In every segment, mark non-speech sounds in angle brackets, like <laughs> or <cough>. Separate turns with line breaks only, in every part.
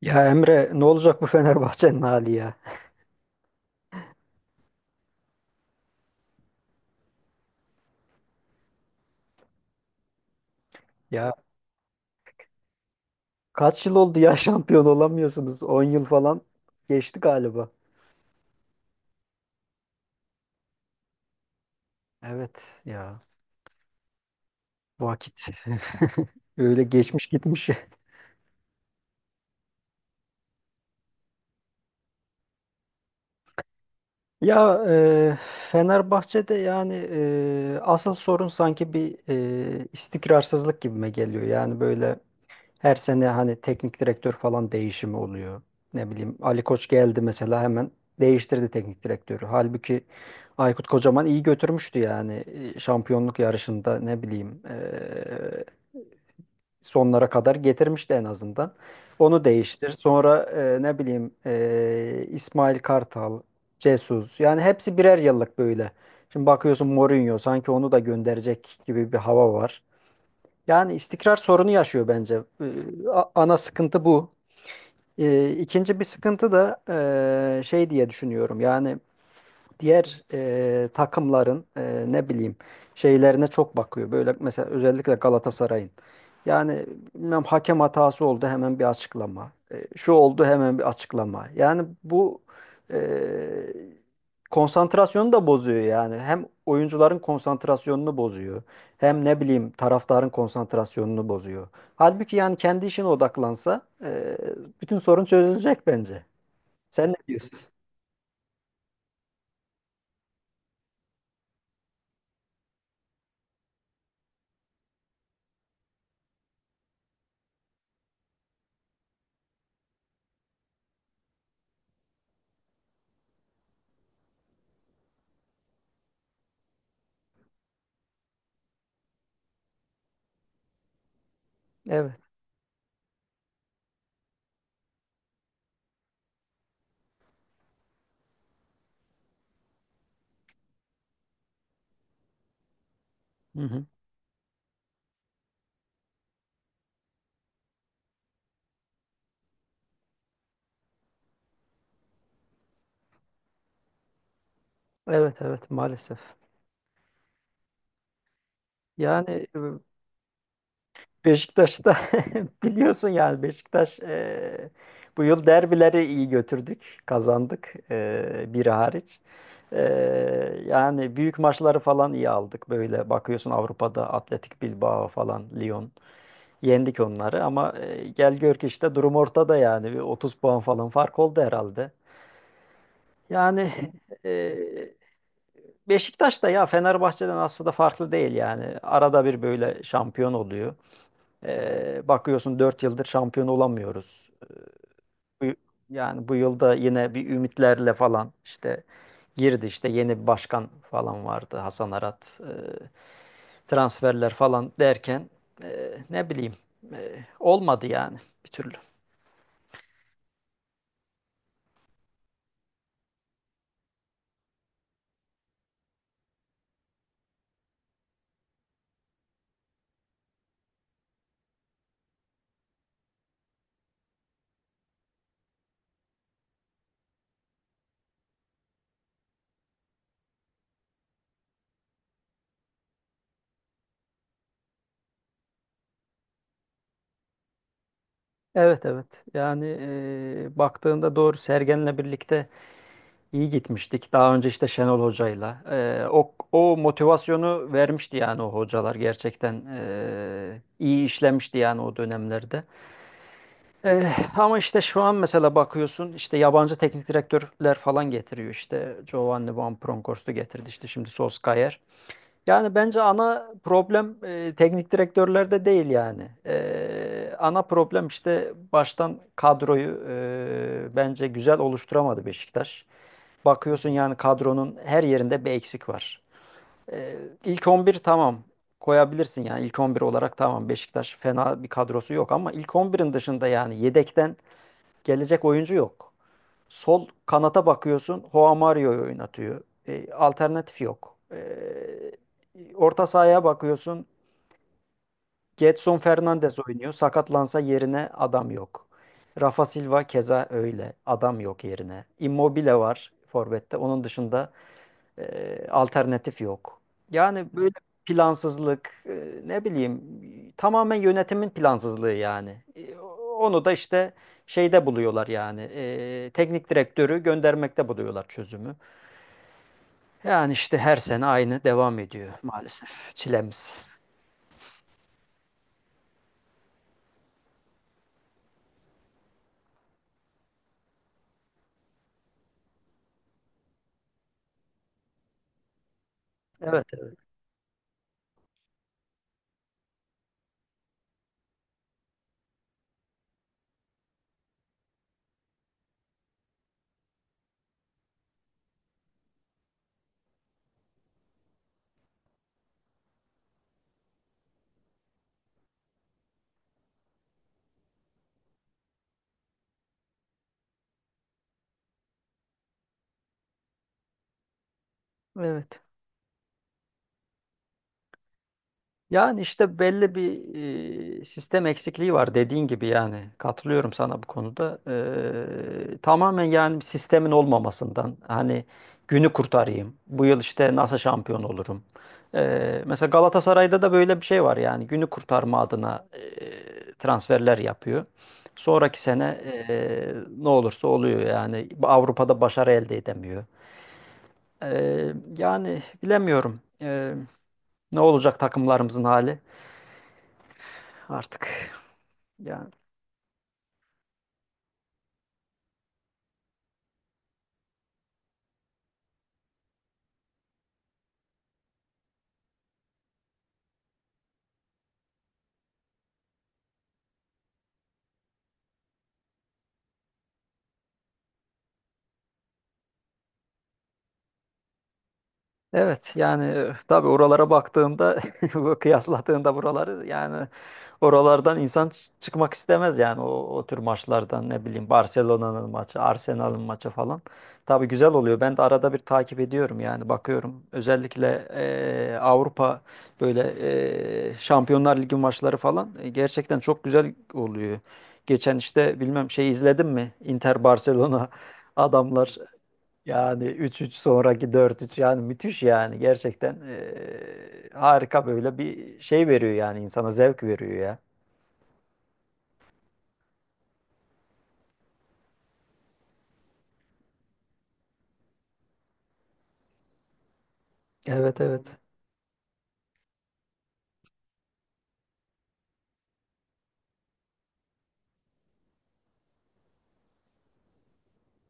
Ya Emre ne olacak bu Fenerbahçe'nin hali ya? Ya kaç yıl oldu ya <laughs> şampiyon olamıyorsunuz? 10 yıl falan geçti galiba. Evet ya vakit <laughs> öyle geçmiş gitmiş. Ya Fenerbahçe'de yani asıl sorun sanki bir istikrarsızlık gibime geliyor. Yani böyle her sene hani teknik direktör falan değişimi oluyor. Ne bileyim Ali Koç geldi mesela hemen değiştirdi teknik direktörü. Halbuki Aykut Kocaman iyi götürmüştü yani. Şampiyonluk yarışında ne bileyim sonlara kadar getirmişti en azından. Onu değiştir. Sonra ne bileyim İsmail Kartal, Jesus yani hepsi birer yıllık böyle. Şimdi bakıyorsun Mourinho sanki onu da gönderecek gibi bir hava var. Yani istikrar sorunu yaşıyor bence. Ana sıkıntı bu. İkinci bir sıkıntı da şey diye düşünüyorum. Yani diğer takımların ne bileyim şeylerine çok bakıyor. Böyle mesela özellikle Galatasaray'ın. Yani bilmem hakem hatası oldu hemen bir açıklama. E, şu oldu hemen bir açıklama. Yani bu e, konsantrasyonu da bozuyor yani. Hem oyuncuların konsantrasyonunu bozuyor. Hem ne bileyim taraftarın konsantrasyonunu bozuyor. Halbuki yani kendi işine odaklansa bütün sorun çözülecek bence. Sen ne diyorsun? Evet. Hı hı. Evet, evet, maalesef. Yani Beşiktaş'ta <laughs> biliyorsun yani Beşiktaş, bu yıl derbileri iyi götürdük, kazandık, biri hariç. E, Yani büyük maçları falan iyi aldık. Böyle bakıyorsun Avrupa'da Atletik Bilbao falan, Lyon yendik onları ama gel gör ki işte durum ortada yani bir 30 puan falan fark oldu herhalde. Yani <laughs> e, Beşiktaş da ya Fenerbahçe'den aslında farklı değil yani. Arada bir böyle şampiyon oluyor. Bakıyorsun 4 yıldır şampiyon olamıyoruz. Bu, yani bu yılda yine bir ümitlerle falan işte girdi, işte yeni bir başkan falan vardı, Hasan Arat. Transferler falan derken ne bileyim olmadı yani bir türlü. Evet, evet, yani baktığında doğru Sergen'le birlikte İyi gitmiştik. Daha önce işte Şenol Hoca'yla. O motivasyonu vermişti yani, o hocalar gerçekten iyi işlemişti yani o dönemlerde. Ee, Ama işte şu an mesela bakıyorsun işte yabancı teknik direktörler falan getiriyor, işte Giovanni Van Bronckhorst'u getirdi, işte şimdi Solskjaer. Yani bence ana problem teknik direktörlerde değil yani. Ana problem işte baştan kadroyu bence güzel oluşturamadı Beşiktaş. Bakıyorsun yani kadronun her yerinde bir eksik var. Ee, ilk 11 tamam, koyabilirsin yani ilk 11 olarak tamam, Beşiktaş fena bir kadrosu yok ama ilk 11'in dışında yani yedekten gelecek oyuncu yok. Sol kanata bakıyorsun Joao Mario'yu oynatıyor. Alternatif yok. Orta sahaya bakıyorsun Gedson Fernandes oynuyor. Sakatlansa yerine adam yok. Rafa Silva keza öyle. Adam yok yerine. Immobile var forvette. Onun dışında alternatif yok. Yani böyle plansızlık, ne bileyim, tamamen yönetimin plansızlığı yani. Onu da işte şeyde buluyorlar yani, teknik direktörü göndermekte buluyorlar çözümü. Yani işte her sene aynı devam ediyor maalesef çilemiz. Evet, evet. Evet. Yani işte belli bir sistem eksikliği var dediğin gibi yani, katılıyorum sana bu konuda. Tamamen yani sistemin olmamasından, hani günü kurtarayım. Bu yıl işte nasıl şampiyon olurum. Mesela Galatasaray'da da böyle bir şey var yani, günü kurtarma adına transferler yapıyor. Sonraki sene ne olursa oluyor yani, Avrupa'da başarı elde edemiyor. Yani bilemiyorum, ne olacak takımlarımızın hali. Artık yani. Evet, yani tabii oralara baktığında <laughs> bu kıyasladığında buraları yani, oralardan insan çıkmak istemez yani o, o tür maçlardan, ne bileyim, Barcelona'nın maçı, Arsenal'ın maçı falan. Tabii güzel oluyor. Ben de arada bir takip ediyorum yani, bakıyorum. Özellikle Avrupa böyle Şampiyonlar Ligi maçları falan gerçekten çok güzel oluyor. Geçen işte bilmem şey izledim mi? Inter Barcelona, <laughs> adamlar. Yani 3-3 sonraki 4-3, yani müthiş yani, gerçekten harika, böyle bir şey veriyor yani, insana zevk veriyor ya. Evet, evet.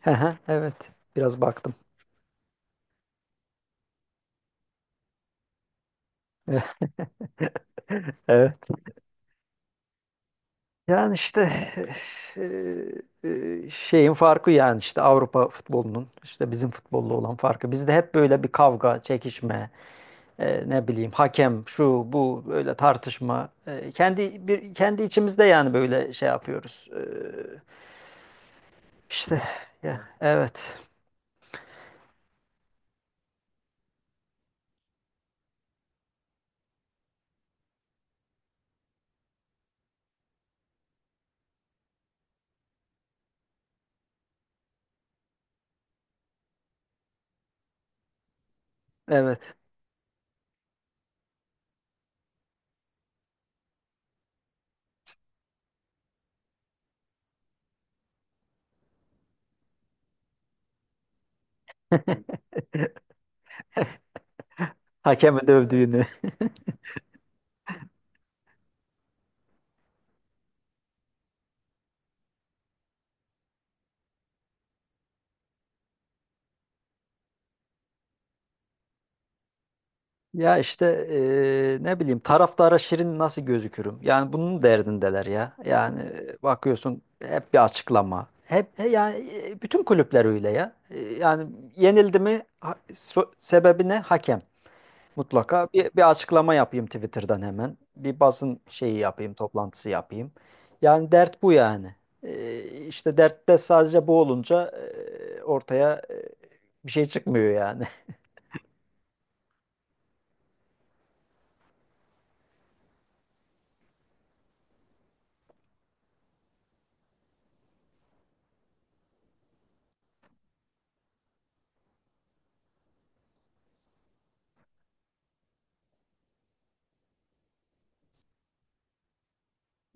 Hı hı, evet, biraz baktım. <laughs> Evet. Yani işte eee, şeyin farkı, yani işte Avrupa futbolunun işte bizim futbolla olan farkı. Bizde hep böyle bir kavga, çekişme, ne bileyim, hakem şu bu böyle tartışma. Kendi içimizde yani böyle şey yapıyoruz. İşte, ya, evet. Evet. <laughs> Hakemi dövdüğünü. Ya işte ne bileyim, taraftara şirin nasıl gözükürüm? Yani bunun derdindeler ya. Yani bakıyorsun hep bir açıklama. Hep yani bütün kulüpler öyle ya. E, yani yenildi mi sebebi ne? Hakem. Mutlaka bir açıklama yapayım Twitter'dan hemen. Bir basın şeyi yapayım, toplantısı yapayım. Yani dert bu yani. E, işte dertte sadece bu olunca ortaya bir şey çıkmıyor yani. <laughs>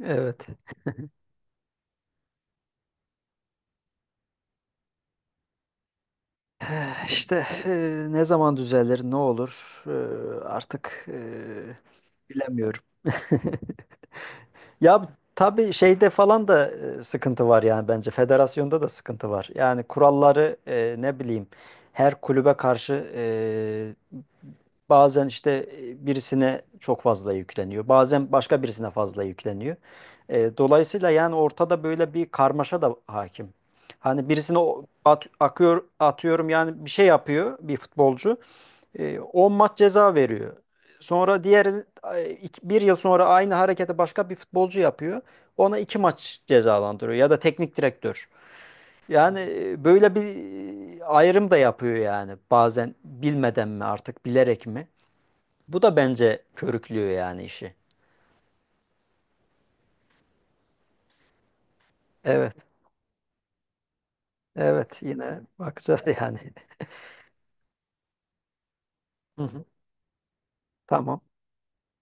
Evet. İşte ne zaman düzelir, ne olur artık, bilemiyorum. <laughs> Ya tabii şeyde falan da sıkıntı var yani bence. Federasyonda da sıkıntı var. Yani kuralları ne bileyim her kulübe karşı, bazen işte birisine çok fazla yükleniyor. Bazen başka birisine fazla yükleniyor. Dolayısıyla yani ortada böyle bir karmaşa da hakim. Hani birisine akıyor, atıyorum yani, bir şey yapıyor bir futbolcu. 10 maç ceza veriyor. Sonra diğer bir yıl sonra aynı hareketi başka bir futbolcu yapıyor. Ona 2 maç cezalandırıyor ya da teknik direktör. Yani böyle bir ayrım da yapıyor yani, bazen bilmeden mi artık, bilerek mi? Bu da bence körüklüyor yani işi. Evet, evet, yine bakacağız yani. <laughs> Hı hı. Tamam,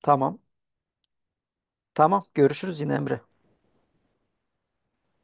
tamam, tamam. Görüşürüz yine Emre.